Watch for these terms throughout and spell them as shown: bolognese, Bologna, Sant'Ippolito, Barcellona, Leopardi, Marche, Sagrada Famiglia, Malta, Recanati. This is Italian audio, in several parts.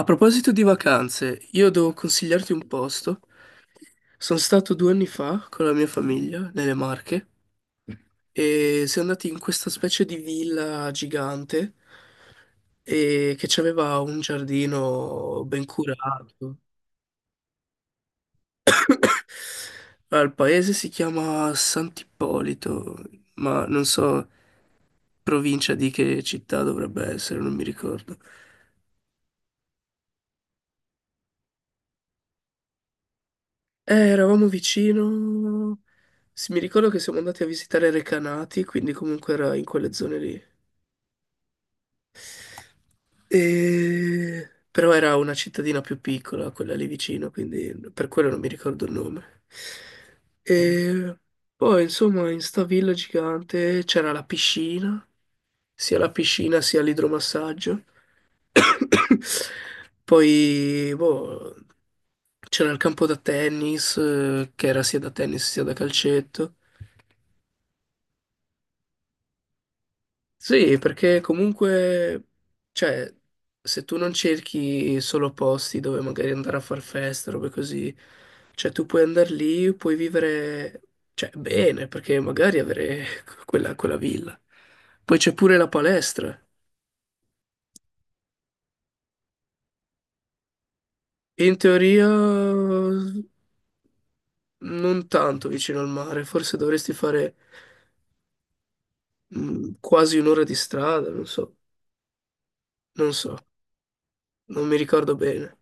A proposito di vacanze, io devo consigliarti un posto. Sono stato 2 anni fa con la mia famiglia nelle Marche e siamo andati in questa specie di villa gigante e che aveva un giardino ben curato. Allora, il paese si chiama Sant'Ippolito, ma non so provincia di che città dovrebbe essere, non mi ricordo. Eravamo vicino. Sì, mi ricordo che siamo andati a visitare Recanati, quindi comunque era in quelle zone lì. Però era una cittadina più piccola, quella lì vicino, quindi per quello non mi ricordo il nome. E poi, insomma, in sta villa gigante c'era la piscina sia l'idromassaggio. Poi, boh, c'era il campo da tennis, che era sia da tennis sia da calcetto. Sì, perché comunque, cioè, se tu non cerchi solo posti dove magari andare a far festa, robe così, cioè tu puoi andare lì, puoi vivere, cioè, bene, perché magari avere quella villa. Poi c'è pure la palestra. In teoria non tanto vicino al mare, forse dovresti fare quasi un'ora di strada, non so, non mi ricordo bene.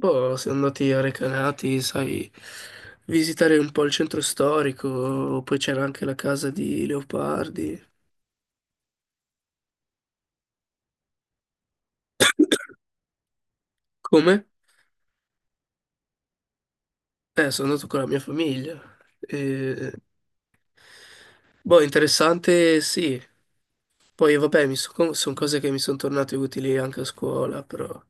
Poi siamo andati a Recanati, sai, visitare un po' il centro storico, poi c'era anche la casa di Leopardi. Come? Sono andato con la mia famiglia. E... Boh, interessante, sì. Poi vabbè, mi sono cose che mi sono tornate utili anche a scuola, però...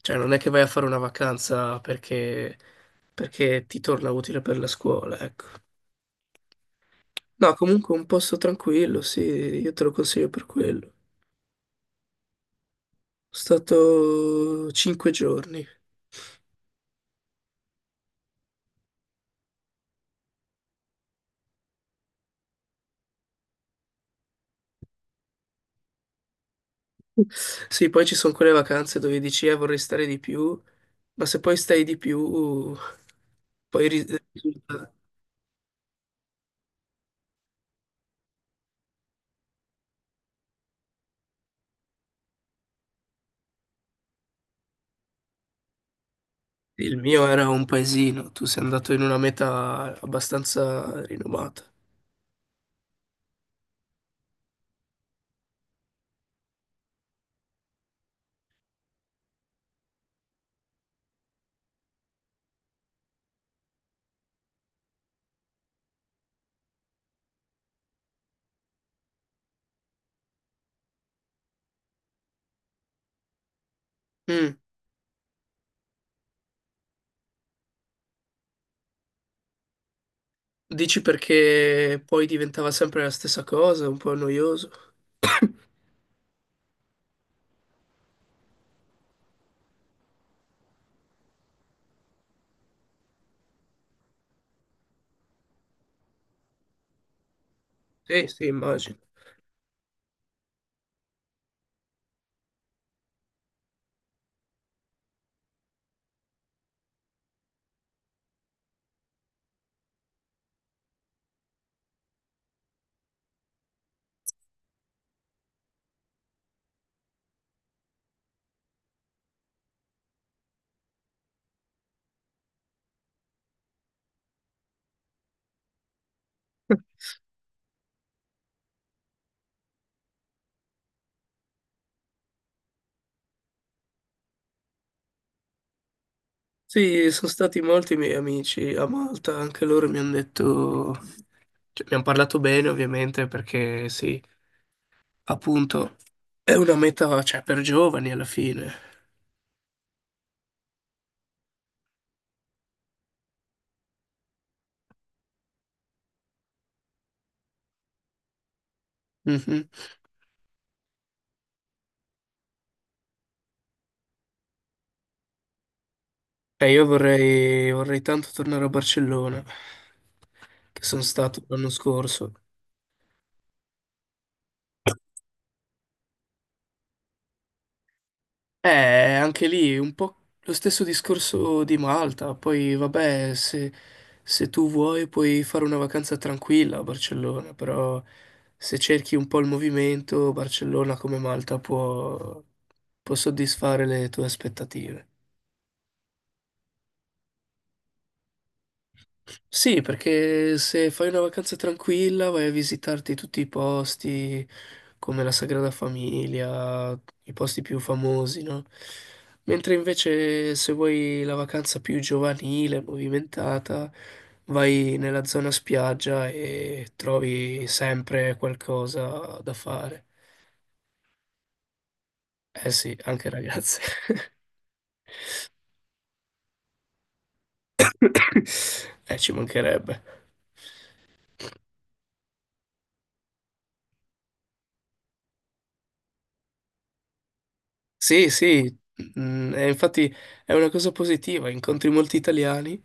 Cioè, non è che vai a fare una vacanza perché ti torna utile per la scuola, ecco. No, comunque un posto tranquillo, sì, io te lo consiglio per quello. Sono stato 5 giorni. Sì, poi ci sono quelle vacanze dove dici, vorrei stare di più, ma se poi stai di più, poi risulta... Il mio era un paesino, tu sei andato in una meta abbastanza rinomata. Mm. Dici perché poi diventava sempre la stessa cosa, un po' noioso? Sì, sì, immagino. Sì, sono stati molti miei amici a Malta, anche loro mi hanno detto, cioè, mi hanno parlato bene ovviamente perché sì, appunto è una meta, cioè, per giovani alla fine. Mhm. E io vorrei tanto tornare a Barcellona, che sono stato l'anno scorso. Eh, anche lì un po' lo stesso discorso di Malta. Poi, vabbè, se tu vuoi puoi fare una vacanza tranquilla a Barcellona, però se cerchi un po' il movimento, Barcellona come Malta può soddisfare le tue aspettative. Sì, perché se fai una vacanza tranquilla vai a visitarti tutti i posti come la Sagrada Famiglia, i posti più famosi, no? Mentre invece se vuoi la vacanza più giovanile, movimentata, vai nella zona spiaggia e trovi sempre qualcosa da fare. Eh sì, anche ragazze. Ci mancherebbe. Sì, sì, e infatti è una cosa positiva, incontri molti italiani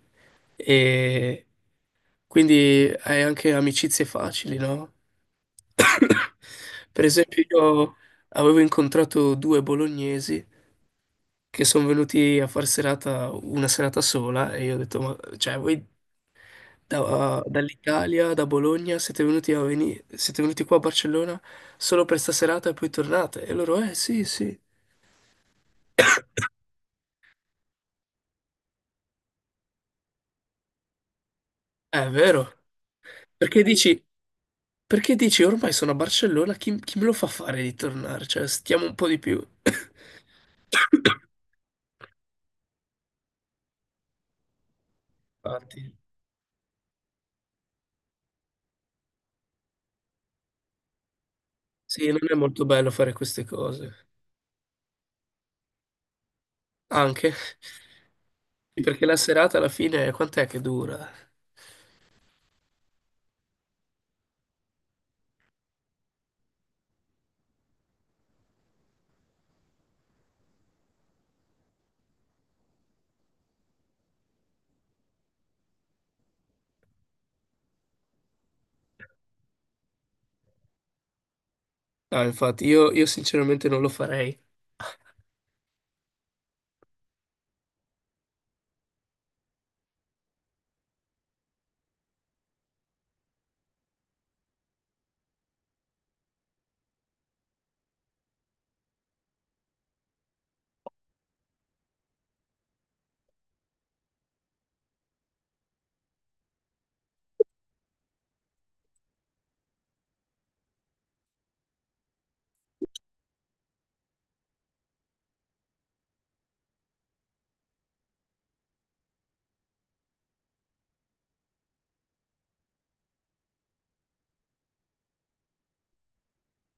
e quindi hai anche amicizie facili, no? Per esempio, io avevo incontrato due bolognesi che sono venuti a far serata una serata sola e io ho detto, ma cioè, voi dall'Italia, da Bologna, siete venuti a siete venuti qua a Barcellona solo per sta serata e poi tornate? E loro, eh sì, sì, è vero. Perché dici, perché dici ormai sono a Barcellona, chi me lo fa fare di tornare? Cioè, stiamo un po' di più. Infatti, sì, non è molto bello fare queste cose. Anche perché la serata alla fine, quant'è che dura? Ah, infatti, io sinceramente non lo farei.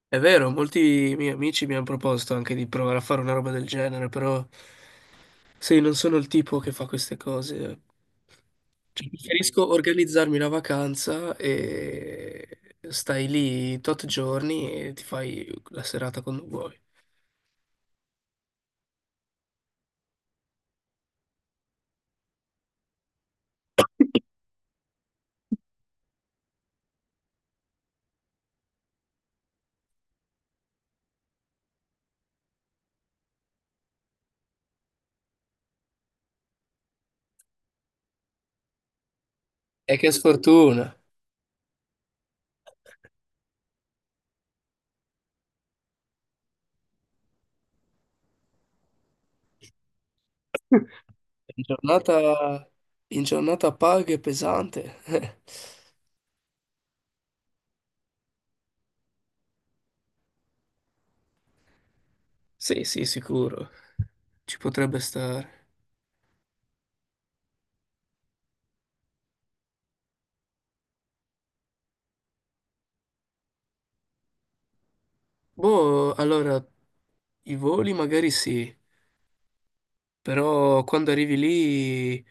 È vero, molti miei amici mi hanno proposto anche di provare a fare una roba del genere, però sì, non sono il tipo che fa queste cose. Cioè, preferisco organizzarmi una vacanza e stai lì tot giorni e ti fai la serata quando vuoi. E che sfortuna! In giornata, in giornata paga e pesante. Sì, sì, sicuro. Ci potrebbe stare. Boh, allora, i voli magari sì. Però quando arrivi lì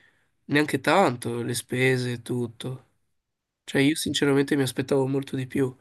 neanche tanto, le spese e tutto. Cioè io sinceramente mi aspettavo molto di più.